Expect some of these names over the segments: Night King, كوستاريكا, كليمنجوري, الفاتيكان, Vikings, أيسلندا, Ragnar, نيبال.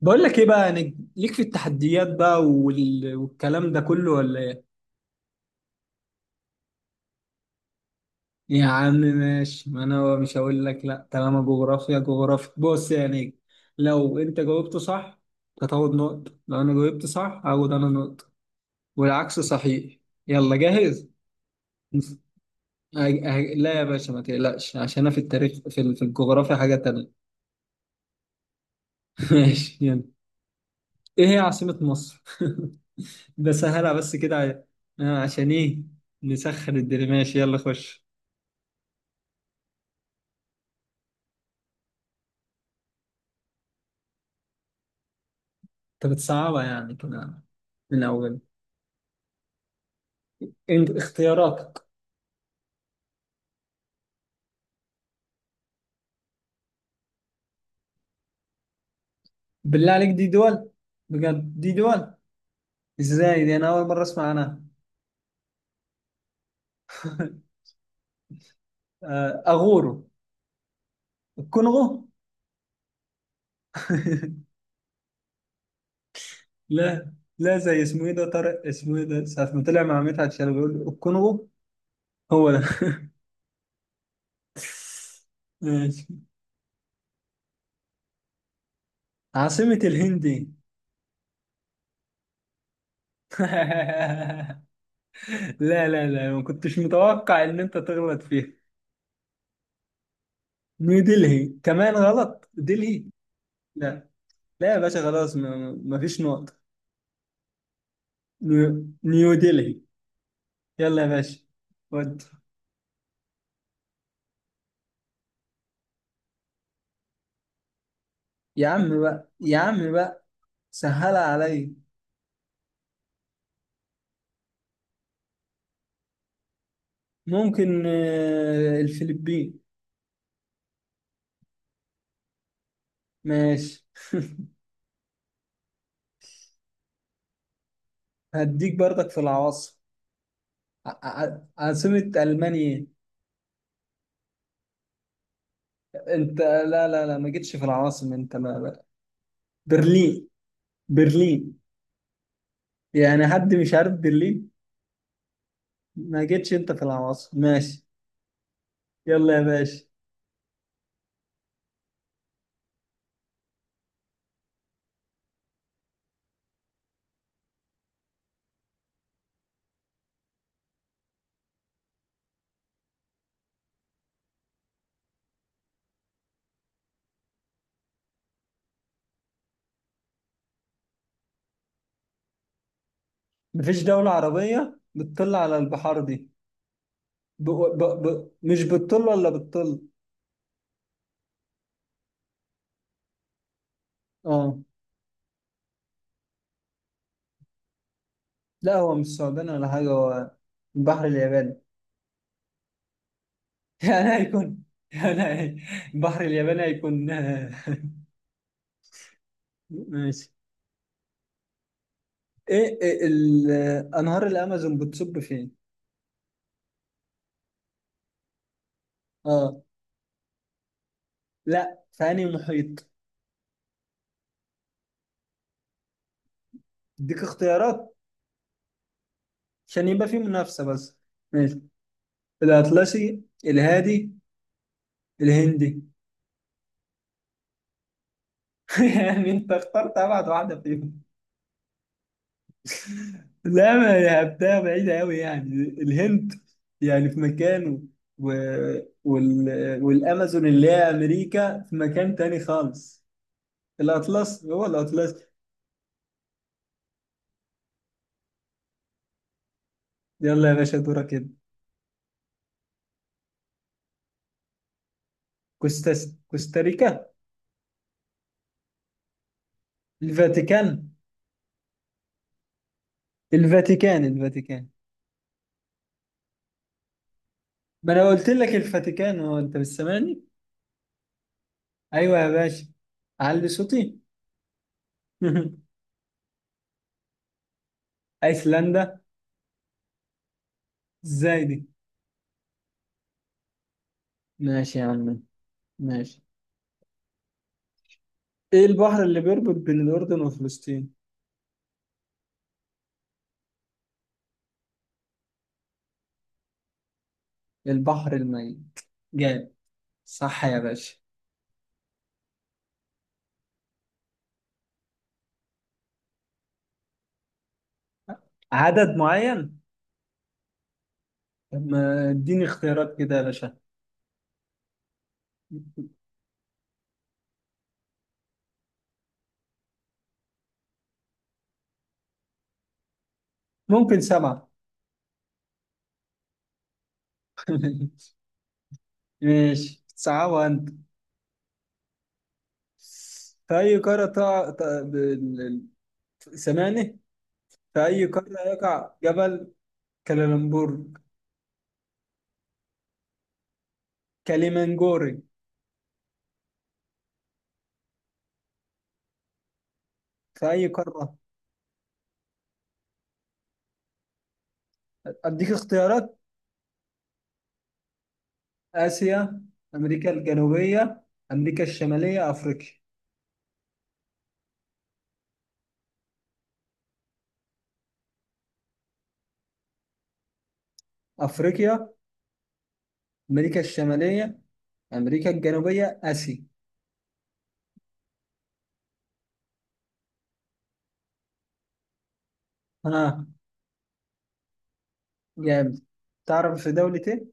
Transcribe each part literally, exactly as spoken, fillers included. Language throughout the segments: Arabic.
بقول لك ايه بقى يعني ليك في التحديات بقى وال... والكلام ده كله ولا ايه. يا عم ماشي، ما انا مش هقول لك لا. طالما جغرافيا جغرافيا بص يعني، لو انت جاوبت صح هتاخد نقطة، لو انا جاوبت صح هاخد انا نقطة والعكس صحيح. يلا جاهز. أه- أه- لا يا باشا ما تقلقش، عشان انا في التاريخ في, ال- في الجغرافيا حاجة تانية. ماشي يلا. ايه هي عاصمة مصر؟ ده سهلة بس كده. آه، عشان ايه. نسخن الدنيا، ماشي يلا خش. انت بتصعبها يعني كمان من اول؟ انت اختياراتك. بالله عليك دي دول؟ بجد دي دول؟ ازاي دي انا اول مره اسمع عنها. آه، اغورو. الكونغو. لا، لا زي اسمه ايه ده، طارق اسمه ايه ده، ساعة ما طلع مع مدحت شلبي بيقول له الكونغو. هو ده. ماشي. عاصمة الهند إيه؟ لا لا لا، ما كنتش متوقع ان انت تغلط فيها. نيو دلهي، كمان غلط دلهي. لا لا يا باشا، خلاص ما ما فيش نقط. نيو، نيو دلهي. يلا يا باشا. ود. يا عم بقى، يا عم بقى سهلها عليا. ممكن آه، الفلبين. ماشي. هديك برضك في العواصم. ع- ع- عاصمة ألمانيا. إيه؟ انت لا لا لا، ما جيتش في العواصم انت ما ما- برلين. برلين. يعني حد مش عارف برلين؟ ما جيتش انت في العواصم، ماشي. يلا يا باشا. مفيش دولة عربية بتطل على البحار دي. ب... ب... ب... مش بالطل ولا بالطل. اه، لا هو مش ثعبان ولا حاجة هو. البحر الياباني. يعني هيكون، يعني هي- البحر الياباني هيكون. ماشي. ايه إيه ال... انهار الامازون بتصب فين. اه، لا، في انهي محيط. اديك اختيارات عشان يبقى في منافسة بس. ماشي، الأطلسي، الهادي، الهندي. يعني انت اخترت ابعد واحدة فيهم. لا ما لعبتها بعيدة أوي يعني. الهند يعني في مكان، و... وال... والأمازون اللي هي أمريكا في مكان تاني خالص. الأطلس، هو الأطلس. يلا يا باشا دورك كده. كوستاس... كوستاريكا. الفاتيكان. الفاتيكان. الفاتيكان. ما أنا قلت لك الفاتيكان، هو أنت مش سامعني؟ أيوه يا باشا، علي صوتي. أيسلندا؟ إزاي دي؟ ماشي يا عم، ماشي. إيه البحر اللي بيربط بين الأردن وفلسطين؟ البحر الميت. جامد، صح يا باشا. عدد معين. طب ما اديني اختيارات كده يا باشا. ممكن سبعة. ماشي، صعبة انت. في أي قارة تقع ت- ب- ال- ال- سامعني؟ في أي قارة يقع جبل كلالمبور، كليمنجوري. في أي قارة؟ أديك اختيارات. آسيا، أمريكا الجنوبية، أمريكا الشمالية، أفريقيا. أفريقيا، أمريكا الشمالية، أمريكا الجنوبية، آسيا. ها. جامد. تعرف في دولة ايه؟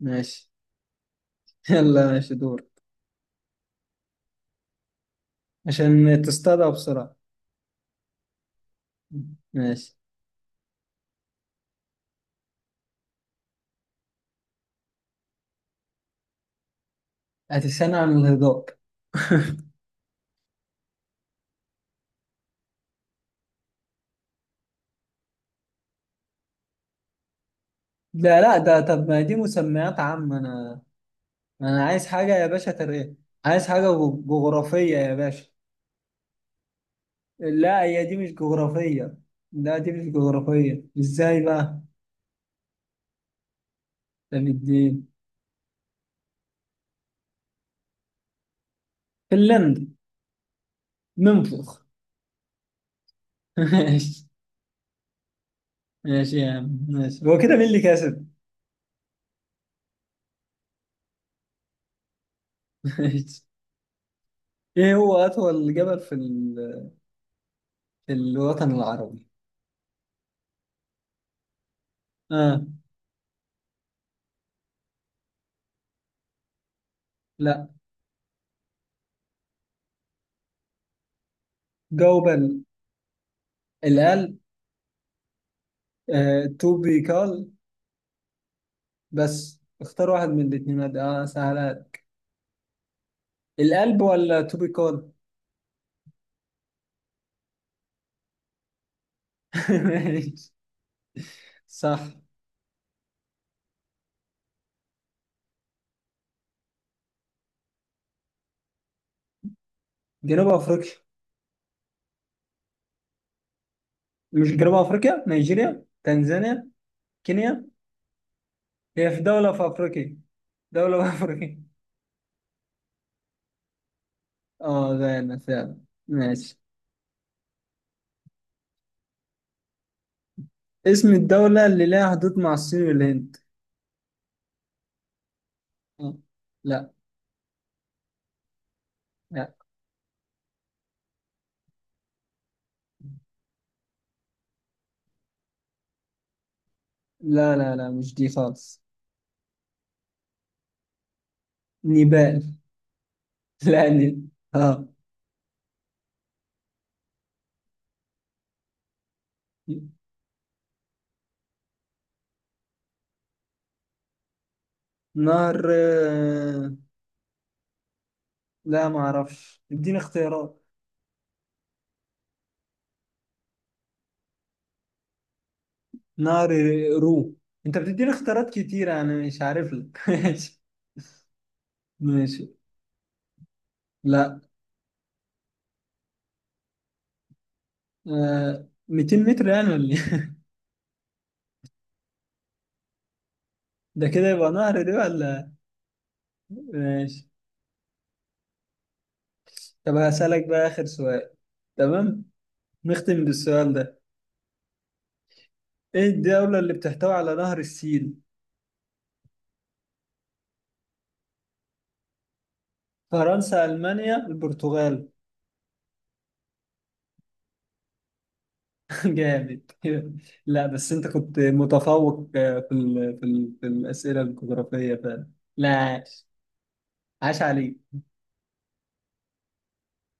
ماشي. يلا ماشي دور. عشان تصطادها بسرعة. ماشي. هتستنى عن الهضاب. لا لا ده، طب ما دي مسميات عامة. أنا، أنا عايز حاجة يا باشا تاريخ. عايز حاجة جو- جغرافية يا باشا. لا هي دي مش جغرافية. لا دي مش جغرافية ازاي بقى؟ ده الدين. فنلندا. ننفخ. ماشي. ماشي يا عم ماشي، هو كده مين اللي كسب؟ ماشي. ايه هو أطول جبل في في الوطن العربي؟ آه. لا، جاوب ال- اللي قال آه، تو بي كول. بس اختار واحد من الاثنين، هاد- اه سهلات. القلب ولا تو بي كول؟ ماشي. صح. جنوب افريقيا. مش جنوب افريقيا، نيجيريا، تنزانيا، كينيا. هي في دولة في افريقيا، دولة في افريقيا. اه غانا فعلا. ماشي. اسم الدولة اللي لها حدود مع الصين والهند. آه. لا لا لا لا لا مش دي خالص. نيبال. لا دي، اه. نار آه، لا ما اعرفش، اديني اختيارات. نار آه، رو. انت بتديني اختيارات كتير انا مش عارف لك. ماشي. ماشي. لا. آه، مئتين متر يعني ولا إيه؟ ده كده يبقى نهر دي ولا. ماشي. طب هسألك بقى آخر سؤال. تمام. نختم بالسؤال ده. ايه الدولة اللي بتحتوي على نهر السين؟ فرنسا، ألمانيا، البرتغال. جامد. لا بس انت كنت متفوق آه، في ال في ال في الاسئله الجغرافيه فعلا. لا عاش، عاش عليك.